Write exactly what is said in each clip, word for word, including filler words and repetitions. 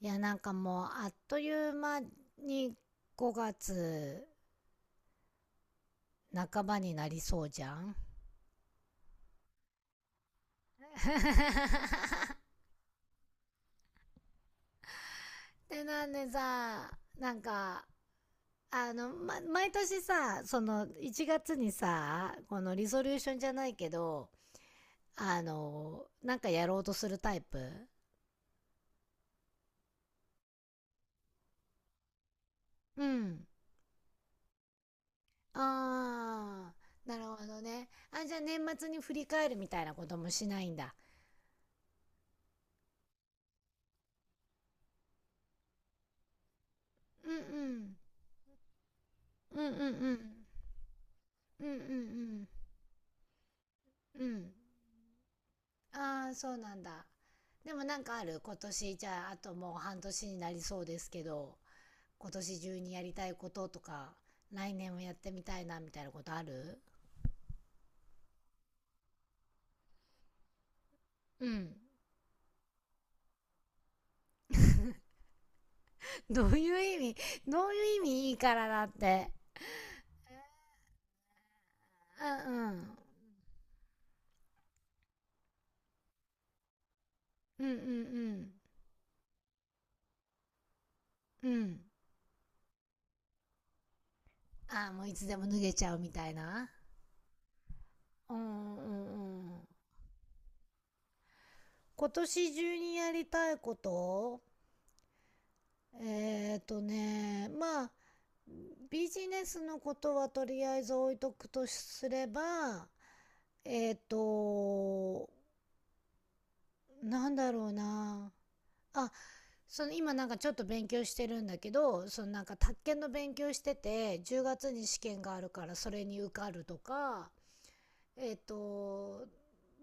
いやなんかもうあっという間にごがつなかばになりそうじゃん。でなんでさなんかあの、ま、毎年さ、そのいちがつにさ、このリソリューションじゃないけど、あのなんかやろうとするタイプ？うん。あー、なるほどね。あ、じゃあ年末に振り返るみたいなこともしないんだ。うん、うん、うん、うん、うん、うん、うん、うん、うん。ああ、そうなんだ。でも、なんかある？今年、じゃあ、あともう半年になりそうですけど、今年中にやりたいこととか、来年もやってみたいな、みたいなことある？うん。どういう意味？どういう意味、いいからだって。うん、うん。うん、うん、うん。うん。ああ、もういつでも脱げちゃうみたいな。うん、うん、うん。今年中にやりたいこと、えーとね、まあ、ビジネスのことはとりあえず置いとくとすれば、えっと、なんだろうな。あ、その今なんかちょっと勉強してるんだけど、そのなんか宅建の勉強してて、じゅうがつに試験があるから、それに受かるとか、えっと、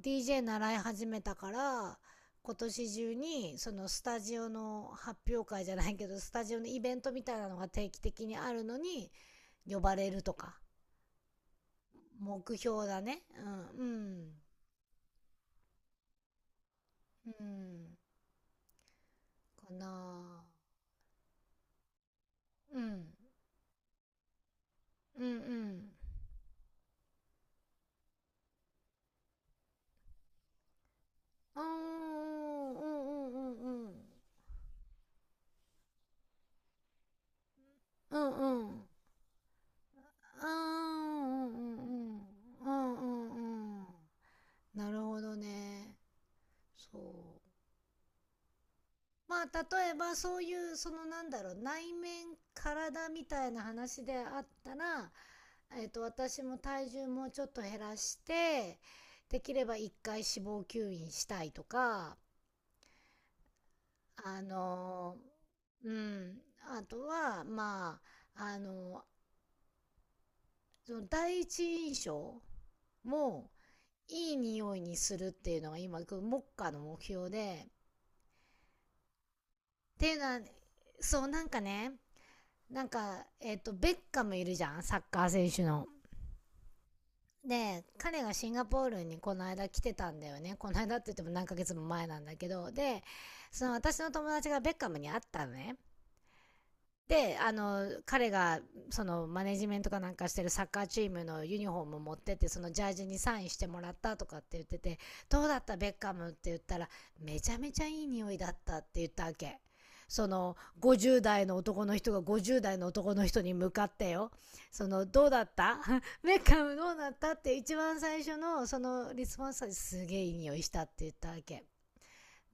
ディージェー 習い始めたから、今年中にそのスタジオの発表会じゃないけど、スタジオのイベントみたいなのが定期的にあるのに呼ばれるとか。目標だね。うん、うん、うん、かな。うん、うん、うん。あー、うん、うん、うん、うん。うん、うん。あー、うん、うん、うん。うん、うん、うん。なるほどね。そう。まあ、例えばそういう、そのなんだろう、内面、体みたいな話であったら、えっ、と、私も体重もうちょっと減らして、できれば一回脂肪吸引したいとか、あの、うん。あとは、まあ、あの、その第一印象も、いい匂いにするっていうのが今、モッ目下の目標で。っていうのは、そう、なんかね、なんか、えっ、と、ベッカムいるじゃん、サッカー選手の。で、彼がシンガポールにこの間来てたんだよね。この間って言っても何ヶ月も前なんだけど。で、その私の友達がベッカムに会ったのね。で、あの、彼が、その、マネジメントかなんかしてるサッカーチームのユニフォームを持ってって、そのジャージにサインしてもらったとかって言ってて、どうだったベッカムって言ったら、めちゃめちゃいい匂いだったって言ったわけ。その、ごじゅうだい代の男の人がごじゅうだい代の男の人に向かってよ。その、どうだった ベッカムどうだったって一番最初の、その、リスポンスはすげえいい匂いしたって言ったわけ。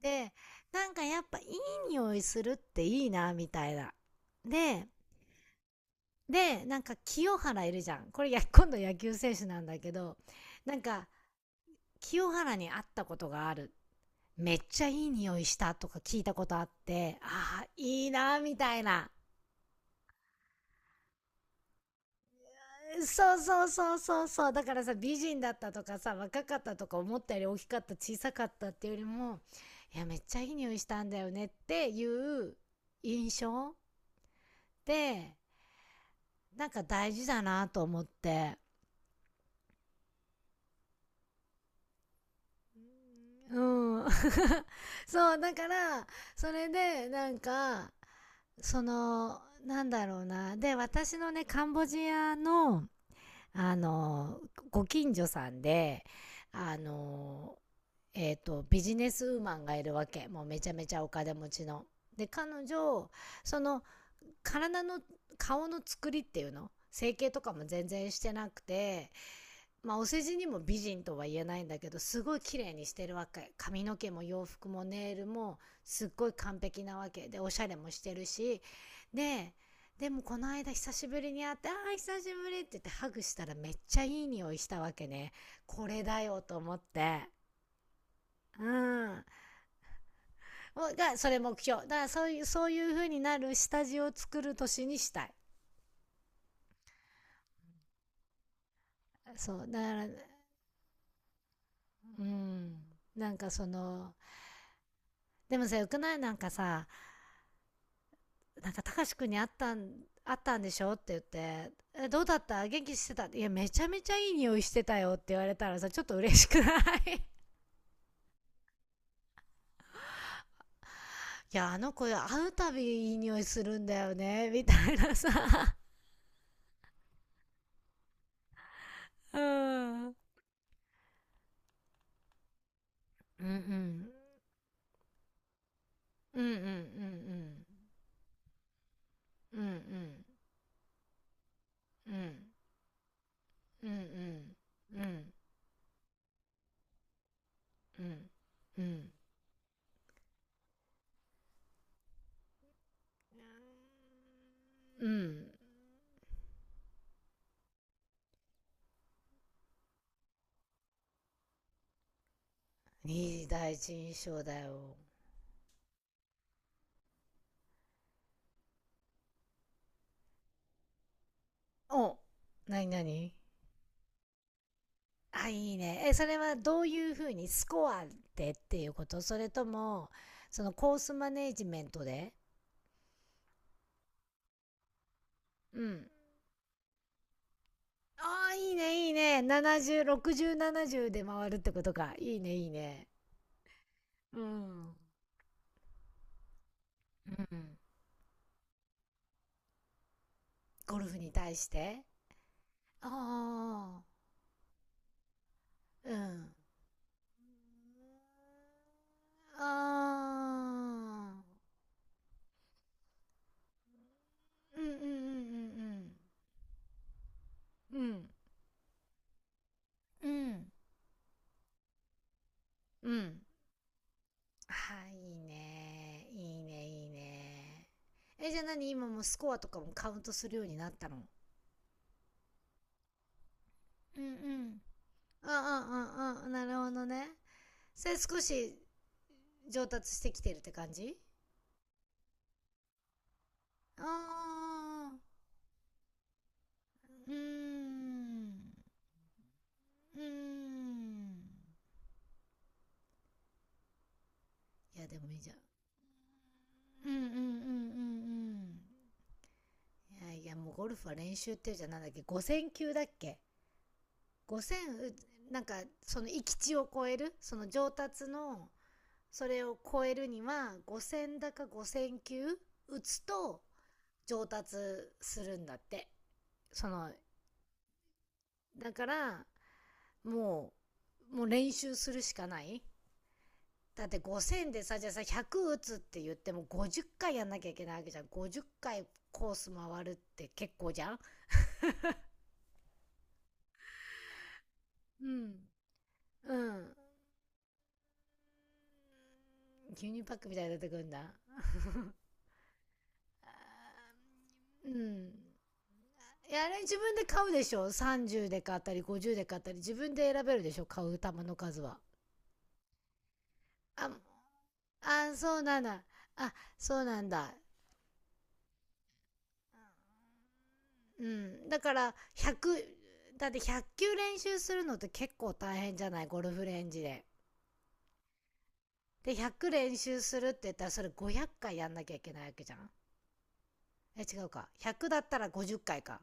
で、なんかやっぱいい匂いするっていいな、みたいな。で、でなんか清原いるじゃん、これや今度野球選手なんだけど、なんか清原に会ったことがある、めっちゃいい匂いしたとか聞いたことあって、ああいいなみたいな。そうそうそうそうそう、だからさ、美人だったとかさ、若かったとか、思ったより大きかった小さかったっていうよりも、いやめっちゃいい匂いしたんだよねっていう印象で、なんか大事だなと思って。うん。そう、だから、それで、なんか、その、なんだろうな。で、私のね、カンボジアの、あの、ご近所さんで、あの、えっ、と、ビジネスウーマンがいるわけ。もうめちゃめちゃお金持ちの。で、彼女、その、体の、顔の作りっていうの、整形とかも全然してなくて、まあお世辞にも美人とは言えないんだけど、すごい綺麗にしてるわけ。髪の毛も洋服もネイルもすっごい完璧なわけで、おしゃれもしてるし。で、でもこの間久しぶりに会って「ああ久しぶり」って言ってハグしたら、めっちゃいい匂いしたわけね。これだよと思って。うん、がそれ目標だから、そういうそういう風になる下地を作る年にしたい。そうだから、うんなんかそのでもさ、よくない、なんかさなんか、たかしくんに会ったん、ったんでしょって言って、え、どうだった元気してた、いや、めちゃめちゃいい匂いしてたよって言われたらさ、ちょっと嬉しくない？ いや、あの子会うたびいい匂いするんだよね、みたいなさ。 うん。うん、うん。うん、うん、うん、うん。うん、うん。うん、うん、うん。うん、うん。うん。うん。いい第一印象だよ。お、なになに？あ、いいね。え、それはどういうふうに？スコアでっていうこと？それとも、そのコースマネジメントで？うん。ああ、いいね、いいね。ななじゅう、ろくじゅう、ななじゅうで回るってことか。いいね、いいね。うん。うん。ゴルフに対して？ああ、うん。ああ、うん、うん、うん、うん、うん。うん。うん。うん。あー、いいね。いいね、いいね。え、じゃあ何、今もうスコアとかもカウントするようになったの？うん、うん、うん、うん、うん、うん。なるほどね。それ少し上達してきてるって感じ？ああ。うーん。うーん。いや、でもいいじゃん。うん、うん、うん、うん、うん。いやいや、もうゴルフは練習っていうじゃん。なんだっけ、 ごせん 球だっけ？ ごせん、うなんか、その域地を超える、その上達の、それを超えるにはごせんだかごせん球打つと上達するんだって。そのだからもうもう練習するしかない。だってごせんでさ、じゃあさ、ひゃく打つって言ってもごじゅっかいやんなきゃいけないわけじゃん。ごじゅっかいコース回るって結構じゃん。うん、うん。牛乳パックみたいに出てくるんだ。うん。いやあれ自分で買うでしょ、さんじゅうで買ったりごじゅうで買ったり、自分で選べるでしょ買う球の数は。ああそうなんだ、あそうなんだ。うん、だからひゃく、だってひゃっきゅう球練習するのって結構大変じゃない、ゴルフレンジで。でひゃく練習するって言ったら、それごひゃっかいやんなきゃいけないわけじゃん。え違うか、ひゃくだったらごじゅっかいか。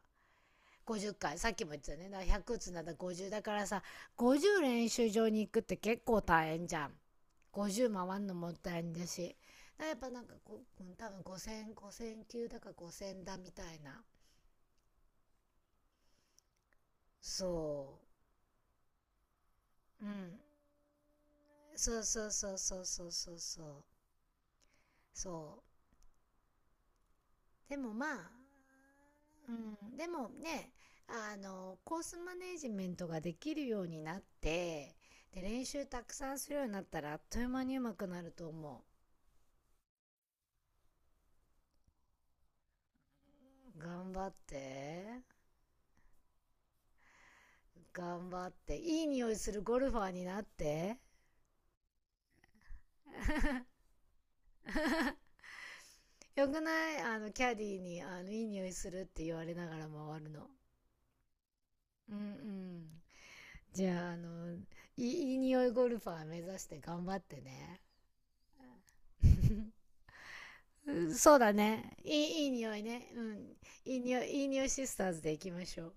ごじゅっかい、さっきも言ってたね。だからひゃくつなんだごじゅうだからさ、ごじゅう練習場に行くって結構大変じゃん。ごじゅっかいんのも大変だし、だからやっぱなんかこう、多分ごせん球級だからごせんだみたいな。そう。うん。そうそうそうそうそうそうそう。そう。でもまあ、うん。でもね、あの、コースマネージメントができるようになって、で、練習たくさんするようになったらあっという間に上手くなると思う。頑張って。頑張って。いい匂いするゴルファーになって。よくない、あの、キャディーに、あの、いい匂いするって言われながら回るの。うん、うん。じゃあ、あの、いい匂いゴルファー目指して頑張ってね。うん、そうだね。いい、いい匂いね。うん。いい匂い、いい匂いシスターズで行きましょう。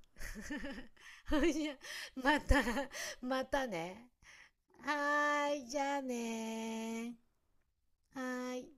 ほいじゃまた、またね。はーい、じゃあねー。はーい。